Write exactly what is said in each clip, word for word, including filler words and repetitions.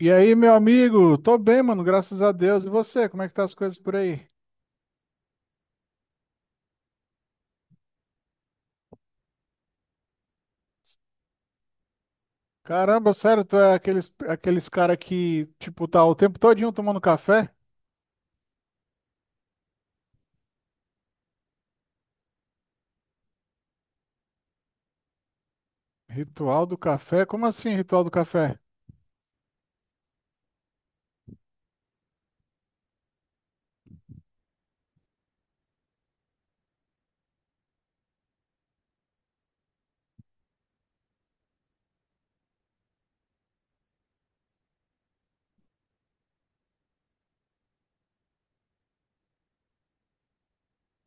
E aí, meu amigo? Tô bem, mano, graças a Deus. E você, como é que tá as coisas por aí? Caramba, sério, tu é aqueles, aqueles cara que, tipo, tá o tempo todinho tomando café? Ritual do café? Como assim, ritual do café?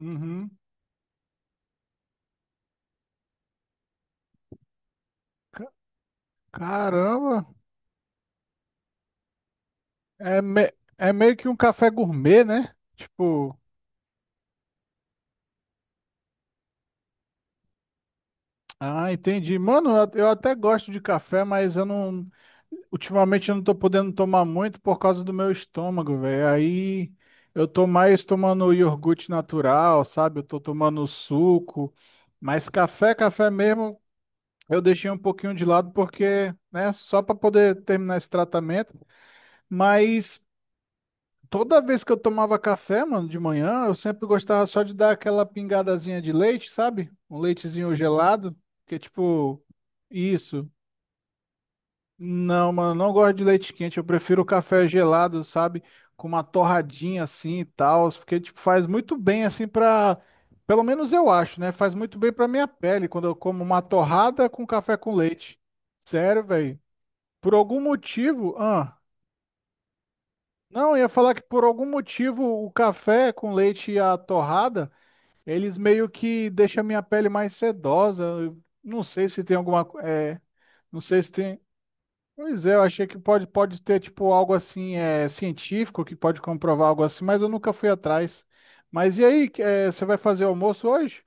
Uhum. Ca- Caramba! É, me- É meio que um café gourmet, né? Tipo, ah, entendi. Mano, eu eu até gosto de café, mas eu não. Ultimamente eu não tô podendo tomar muito por causa do meu estômago, velho. Aí eu tô mais tomando iogurte natural, sabe? Eu tô tomando suco. Mas café, café mesmo, eu deixei um pouquinho de lado porque, né, só para poder terminar esse tratamento. Mas toda vez que eu tomava café, mano, de manhã, eu sempre gostava só de dar aquela pingadazinha de leite, sabe? Um leitezinho gelado, que é tipo, isso. Não, mano, eu não gosto de leite quente, eu prefiro o café gelado, sabe? Com uma torradinha assim e tal, porque tipo faz muito bem assim pra, pelo menos eu acho, né? Faz muito bem pra minha pele quando eu como uma torrada com café com leite. Sério, velho. Por algum motivo, ah, não, eu ia falar que por algum motivo o café com leite e a torrada, eles meio que deixam a minha pele mais sedosa. Eu não sei se tem alguma, co- é, não sei se tem. Pois é, eu achei que pode, pode ter tipo algo assim, é, científico que pode comprovar algo assim, mas eu nunca fui atrás. Mas e aí, que- é, você vai fazer almoço hoje?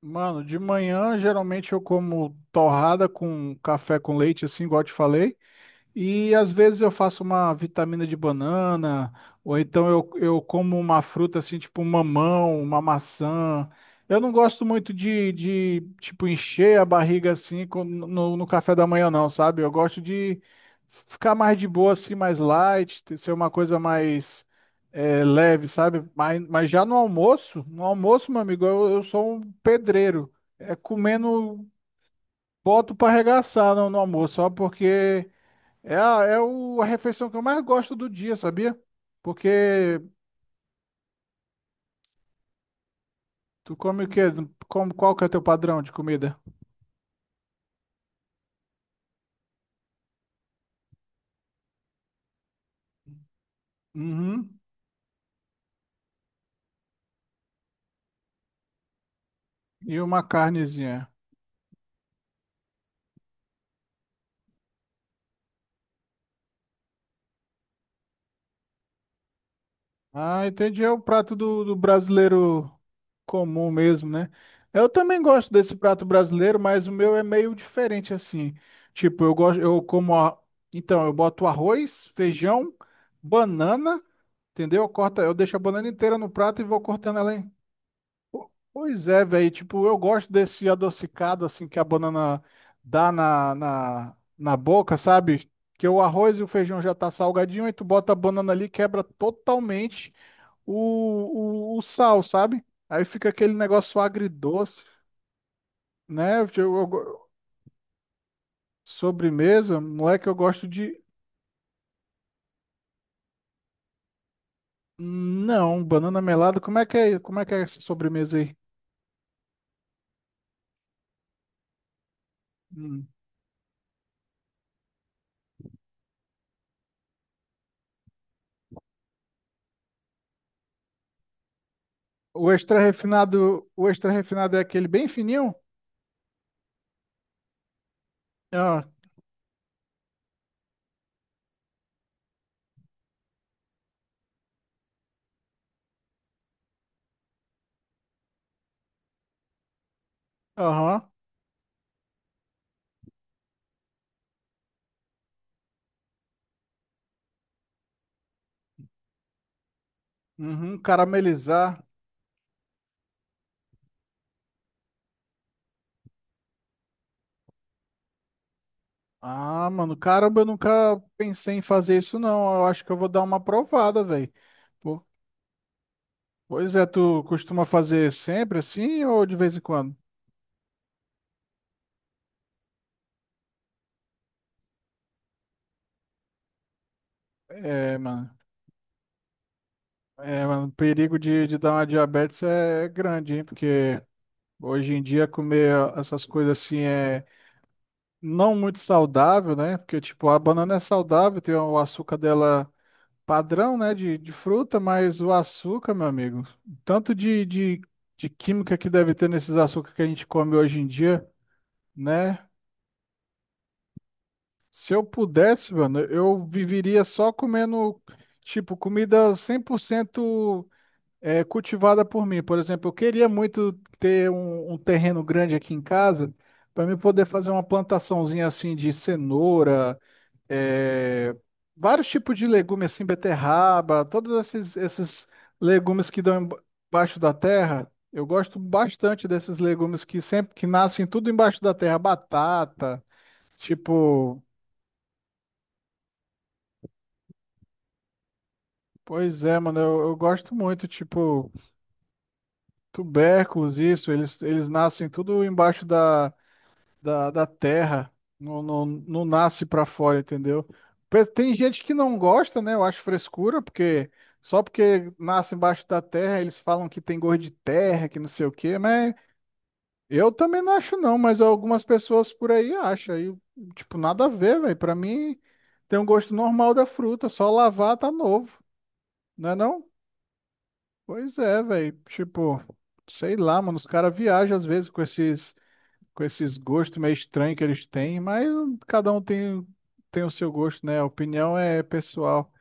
Mano, de manhã geralmente eu como torrada com café com leite, assim, igual eu te falei. E às vezes eu faço uma vitamina de banana, ou então eu, eu como uma fruta assim, tipo um mamão, uma maçã. Eu não gosto muito de, de tipo, encher a barriga assim com- no, no café da manhã, não, sabe? Eu gosto de ficar mais de boa, assim, mais light, ter- ser uma coisa mais eh, leve, sabe? Mas, mas já no almoço, no almoço, meu amigo, eu, eu sou um pedreiro. É comendo, boto pra arregaçar no, no almoço, só porque é, a- é o, a refeição que eu mais gosto do dia, sabia? Porque tu come o quê? Como, qual que é teu padrão de comida? Uhum. E uma carnezinha. Ah, entendi. É o prato do, do brasileiro comum mesmo, né? Eu também gosto desse prato brasileiro, mas o meu é meio diferente assim. Tipo, eu gosto, eu como a... Então, eu boto arroz, feijão, banana, entendeu? Eu corto, eu deixo a banana inteira no prato e vou cortando ela. Pois é, velho. Tipo, eu gosto desse adocicado assim que a banana dá na, na, na boca, sabe? Que o arroz e o feijão já tá salgadinho, aí tu bota a banana ali, quebra totalmente o, o, o sal, sabe? Aí fica aquele negócio agridoce, né? Eu- eu go- sobremesa, moleque, eu gosto de. Não, banana melada. Como é que é, como é que é essa sobremesa aí? Hum. O extra refinado, o extra refinado é aquele bem fininho? Ah, aham. Uhum, caramelizar. Ah, mano, caramba, eu nunca pensei em fazer isso, não. Eu acho que eu vou dar uma provada, velho. Pois é, tu costuma fazer sempre assim ou de vez em quando? É, mano. É, mano, o perigo de, de dar uma diabetes é grande, hein? Porque hoje em dia comer essas coisas assim é não muito saudável, né? Porque, tipo, a banana é saudável, tem o açúcar dela padrão, né, de, de fruta, mas o açúcar, meu amigo, tanto de, de, de química que deve ter nesses açúcares que a gente come hoje em dia, né? Se eu pudesse, mano, eu viveria só comendo, tipo, comida cem por cento é, cultivada por mim. Por exemplo, eu queria muito ter um, um terreno grande aqui em casa para mim poder fazer uma plantaçãozinha assim de cenoura, é, vários tipos de legumes assim, beterraba, todos esses, esses legumes que dão embaixo da terra. Eu gosto bastante desses legumes que sempre que nascem tudo embaixo da terra, batata, tipo, pois é, mano, eu, eu gosto muito, tipo, tubérculos, isso, eles, eles nascem tudo embaixo da da, da terra, não, não, não nasce para fora, entendeu? Pe- Tem gente que não gosta, né? Eu acho frescura, porque só porque nasce embaixo da terra, eles falam que tem gosto de terra, que não sei o quê, mas eu também não acho, não, mas algumas pessoas por aí acham. Aí, tipo, nada a ver, velho. Pra mim, tem um gosto normal da fruta, só lavar tá novo, não é não? Pois é, velho. Tipo, sei lá, mano, os caras viajam às vezes com esses com esses gostos meio estranhos que eles têm, mas cada um tem, tem o seu gosto, né? A opinião é pessoal.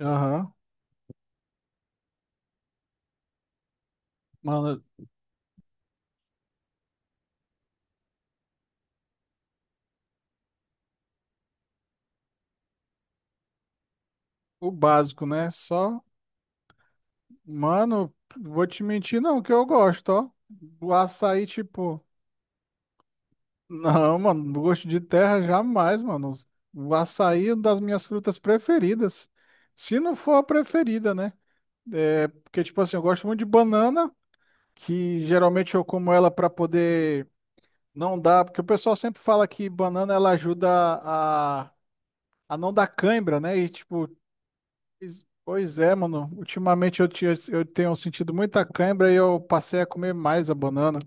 Aham. Mano, o básico, né? Só, mano, vou te mentir, não, que eu gosto, ó. O açaí, tipo, não, mano, gosto de terra jamais, mano. O açaí é uma das minhas frutas preferidas. Se não for a preferida, né? É, porque, tipo assim, eu gosto muito de banana, que geralmente eu como ela pra poder não dá, porque o pessoal sempre fala que banana ela ajuda a, a não dar cãibra, né? E tipo, is- pois é, mano. Ultimamente eu, tinha, eu tenho sentido muita cãibra e eu passei a comer mais a banana.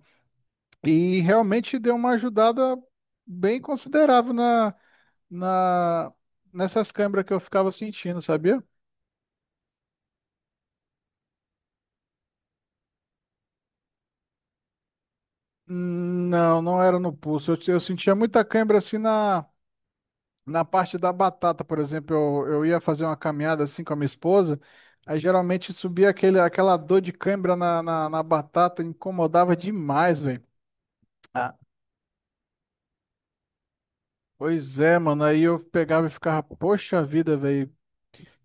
E realmente deu uma ajudada bem considerável na, na, nessas cãibras que eu ficava sentindo, sabia? Hum, Não, não era no pulso. Eu, eu sentia muita cãibra assim na. Na parte da batata, por exemplo, eu, eu ia fazer uma caminhada assim com a minha esposa, aí geralmente subia aquele, aquela dor de cãibra na, na, na batata, incomodava demais, velho. Ah. Pois é, mano, aí eu pegava e ficava, poxa vida, velho,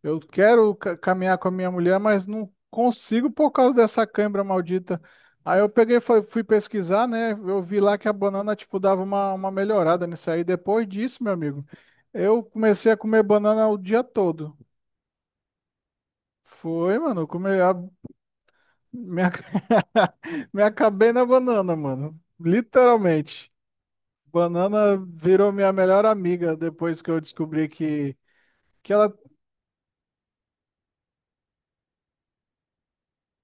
eu quero ca- caminhar com a minha mulher, mas não consigo por causa dessa cãibra maldita. Aí eu peguei, e fui fui pesquisar, né, eu vi lá que a banana, tipo, dava uma, uma melhorada nisso aí. Depois disso, meu amigo, eu comecei a comer banana o dia todo. Foi, mano. Eu Come... a- Me... ac- Me acabei na banana, mano. Literalmente. Banana virou minha melhor amiga depois que eu descobri que, que ela.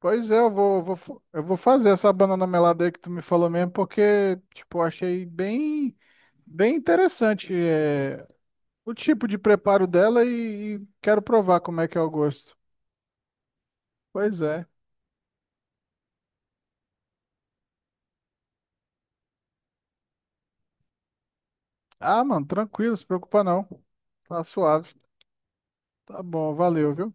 Pois é, eu vou, vou, fa- eu vou fazer essa banana melada aí que tu me falou mesmo, porque, tipo, eu achei bem, bem interessante é, o tipo de preparo dela e, e quero provar como é que é o gosto. Pois é. Ah, mano, tranquilo, se preocupa não. Tá suave. Tá bom, valeu, viu?